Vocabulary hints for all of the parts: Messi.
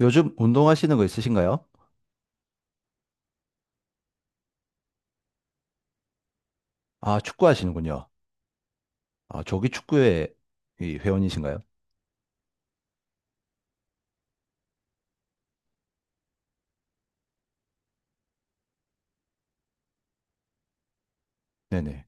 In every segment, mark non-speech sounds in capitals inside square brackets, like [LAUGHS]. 요즘 운동하시는 거 있으신가요? 아, 축구 하시는군요. 아, 조기 축구회 이 회원이신가요? 네네.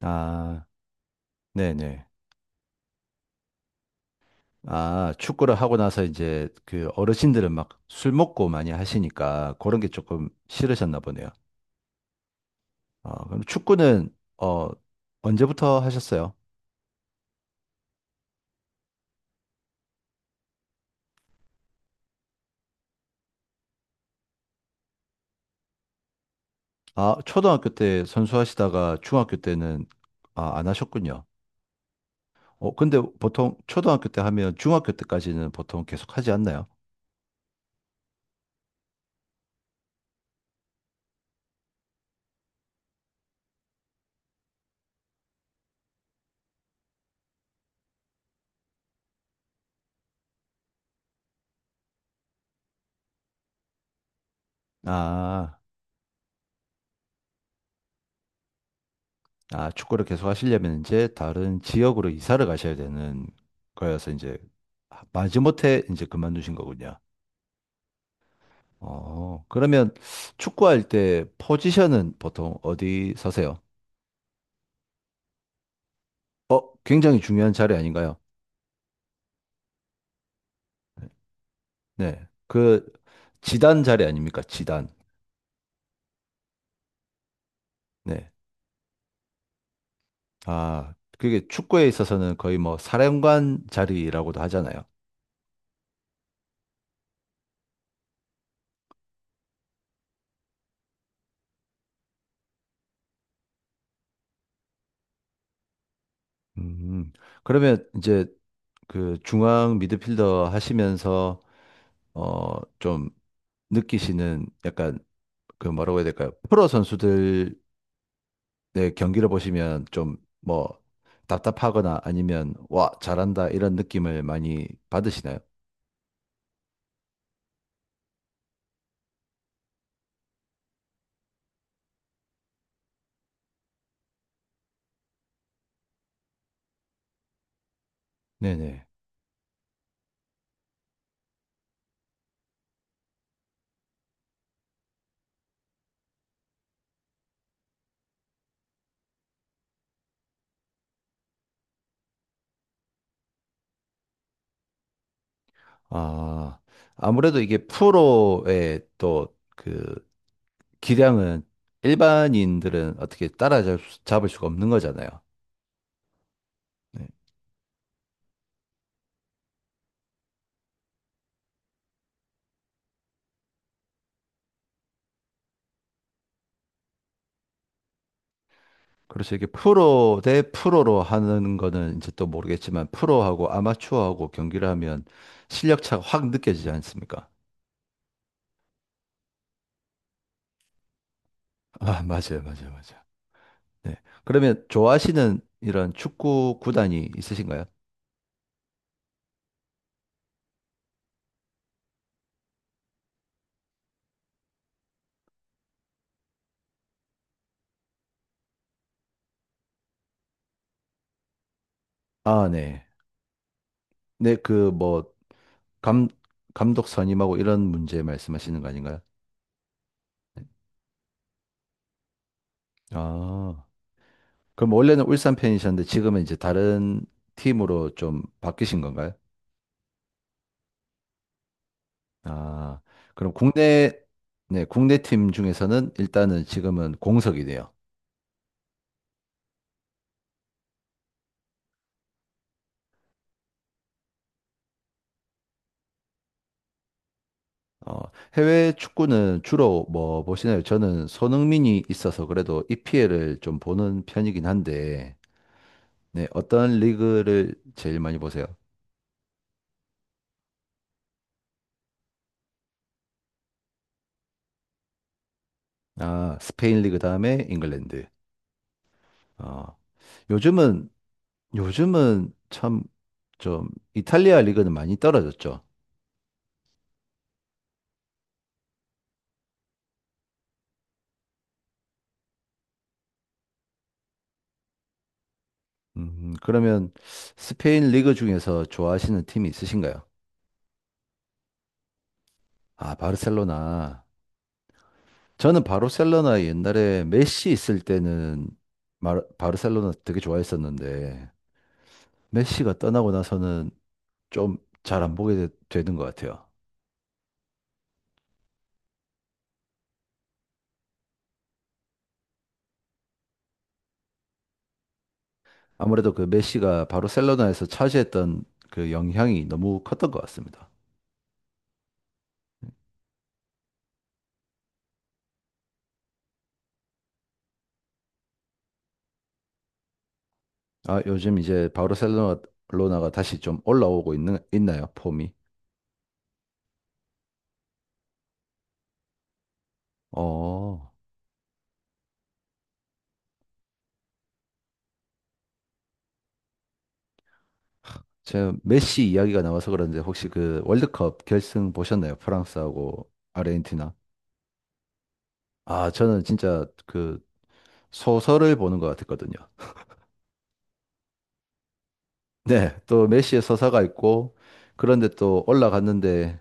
아, 네네. 아, 축구를 하고 나서 이제 그 어르신들은 막 술 먹고 많이 하시니까 그런 게 조금 싫으셨나 보네요. 아, 그럼 축구는, 언제부터 하셨어요? 아, 초등학교 때 선수하시다가 중학교 때는 아, 안 하셨군요. 근데 보통 초등학교 때 하면 중학교 때까지는 보통 계속 하지 않나요? 아. 아, 축구를 계속 하시려면 이제 다른 지역으로 이사를 가셔야 되는 거여서 이제 마지못해 이제 그만두신 거군요. 그러면 축구할 때 포지션은 보통 어디 서세요? 굉장히 중요한 자리 아닌가요? 네. 그 지단 자리 아닙니까? 지단. 네. 아, 그게 축구에 있어서는 거의 뭐 사령관 자리라고도 하잖아요. 음. 그러면 이제 그 중앙 미드필더 하시면서 좀 느끼시는 약간 그 뭐라고 해야 될까요? 프로 선수들의 경기를 보시면 좀 뭐 답답하거나 아니면 와, 잘한다 이런 느낌을 많이 받으시나요? 네네. 아, 아무래도 이게 프로의 또 그 기량은 일반인들은 어떻게 따라잡을 수- 가 없는 거잖아요. 네. 그래서 이게 프로 대 프로로 하는 거는 이제 또 모르겠지만 프로하고 아마추어하고 경기를 하면 실력 차가 확 느껴지지 않습니까? 아, 맞아요, 맞아요, 맞아요. 네. 그러면 좋아하시는 이런 축구 구단이 있으신가요? 아, 네. 네, 그 뭐 감, 감독 선임하고 이런 문제 말씀하시는 거 아닌가요? 아, 그럼 원래는 울산 팬이셨는데 지금은 이제 다른 팀으로 좀 바뀌신 건가요? 아, 그럼 국내, 네, 국내 팀 중에서는 일단은 지금은 공석이네요. 어, 해외 축구는 주로 뭐 보시나요? 저는 손흥민이 있어서 그래도 EPL을 좀 보는 편이긴 한데, 네, 어떤 리그를 제일 많이 보세요? 아, 스페인 리그 다음에 잉글랜드. 어, 요즘은, 요즘은 참 좀 이탈리아 리그는 많이 떨어졌죠. 그러면 스페인 리그 중에서 좋아하시는 팀이 있으신가요? 아, 바르셀로나. 저는 바르셀로나 옛날에 메시 있을 때는 마- 바르셀로나 되게 좋아했었는데 메시가 떠나고 나서는 좀 잘 안 보게 되, 는것 같아요. 아무래도 그 메시가 바르셀로나에서 차지했던 그 영향이 너무 컸던 것 같습니다. 아, 요즘 이제 바르셀로나가 다시 좀 올라오고 있는, 있나요? 폼이? 어, 제가 메시 이야기가 나와서 그런데 혹시 그 월드컵 결승 보셨나요? 프랑스하고 아르헨티나? 아, 저는 진짜 그 소설을 보는 것 같았거든요. 네, 또 메시의 서사가 있고, 그런데 또 올라갔는데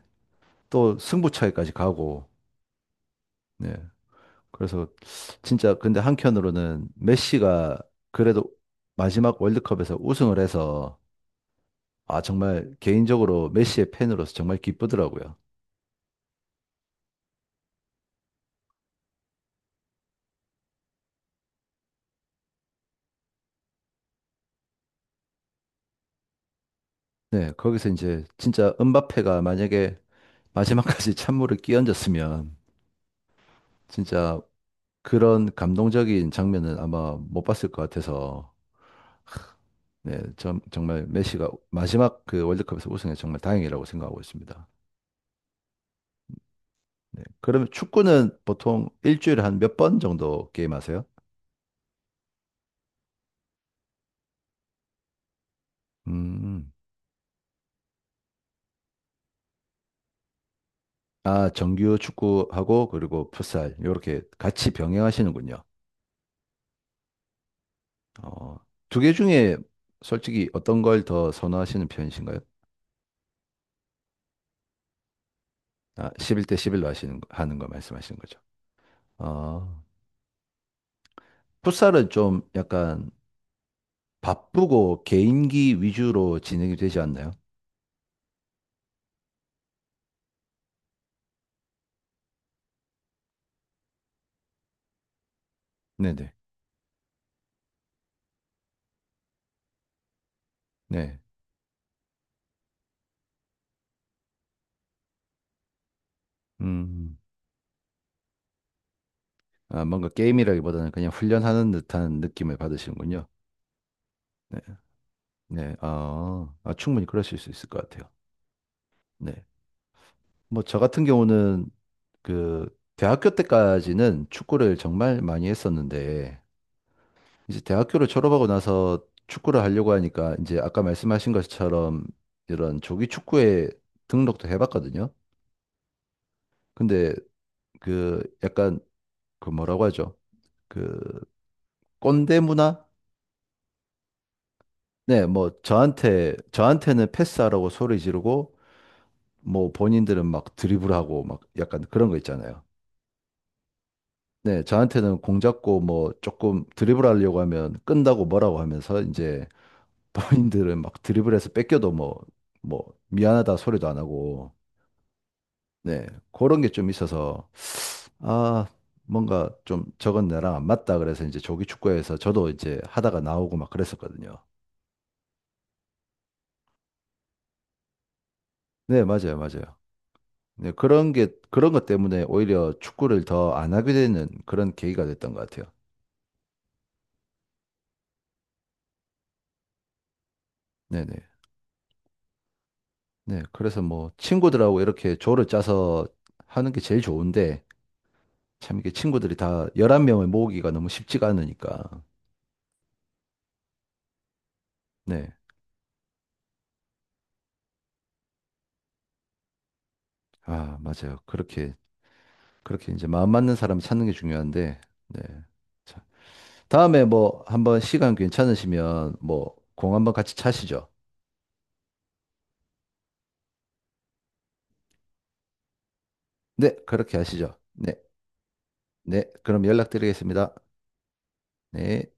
또 승부차기까지 가고, 네. 그래서 진짜 근데 한편으로는 메시가 그래도 마지막 월드컵에서 우승을 해서, 아, 정말 개인적으로 메시의 팬으로서 정말 기쁘더라고요. 네, 거기서 이제 진짜 은바페가 만약에 마지막까지 [LAUGHS] 찬물을 끼얹었으면 진짜 그런 감동적인 장면은 아마 못 봤을 것 같아서 네, 정말 메시가 마지막 그 월드컵에서 우승해 정말 다행이라고 생각하고 있습니다. 네. 그러면 축구는 보통 일주일에 한 몇 번 정도 게임하세요? 음. 아, 정규 축구하고 그리고 풋살 이렇게 같이 병행하시는군요. 어, 두 개 중에 솔직히 어떤 걸 더 선호하시는 편이신가요? 아, 11대 11로 하는 거 말씀하시는 거죠. 아, 풋살은 좀 약간 바쁘고 개인기 위주로 진행이 되지 않나요? 네네. 네. 음. 아, 뭔가 게임이라기보다는 그냥 훈련하는 듯한 느낌을 받으시는군요. 네. 네. 아, 충분히 그러실 수 있을 것 같아요. 네. 뭐, 저 같은 경우는 그, 대학교 때까지는 축구를 정말 많이 했었는데, 이제 대학교를 졸업하고 나서 축구를 하려고 하니까, 이제 아까 말씀하신 것처럼 이런 조기 축구에 등록도 해봤거든요. 근데 그, 약간, 그 뭐라고 하죠? 그, 꼰대 문화? 네, 뭐 저한테는 패스하라고 소리 지르고 뭐 본인들은 막 드리블하고 막 약간 그런 거 있잖아요. 네, 저한테는 공 잡고 뭐 조금 드리블하려고 하면 끈다고 뭐라고 하면서 이제 [LAUGHS] 본인들은 막 드리블해서 뺏겨도 뭐 뭐 미안하다 소리도 안 하고 네, 그런 게 좀 있어서 아 뭔가 좀 저건 나랑 안 맞다 그래서 이제 조기 축구에서 저도 이제 하다가 나오고 막 그랬었거든요. 네, 맞아요, 맞아요. 네, 그런 것 때문에 오히려 축구를 더 안 하게 되는 그런 계기가 됐던 것 같아요. 네네. 네, 그래서 뭐 친구들하고 이렇게 조를 짜서 하는 게 제일 좋은데 참 이게 친구들이 다 11명을 모으기가 너무 쉽지가 않으니까. 네. 아, 맞아요. 그렇게 이제 마음 맞는 사람 찾는 게 중요한데, 네. 자, 다음에 뭐 한번 시간 괜찮으시면 뭐 공 한번 같이 차시죠. 네, 그렇게 하시죠. 네, 네. 그럼 연락드리겠습니다. 네.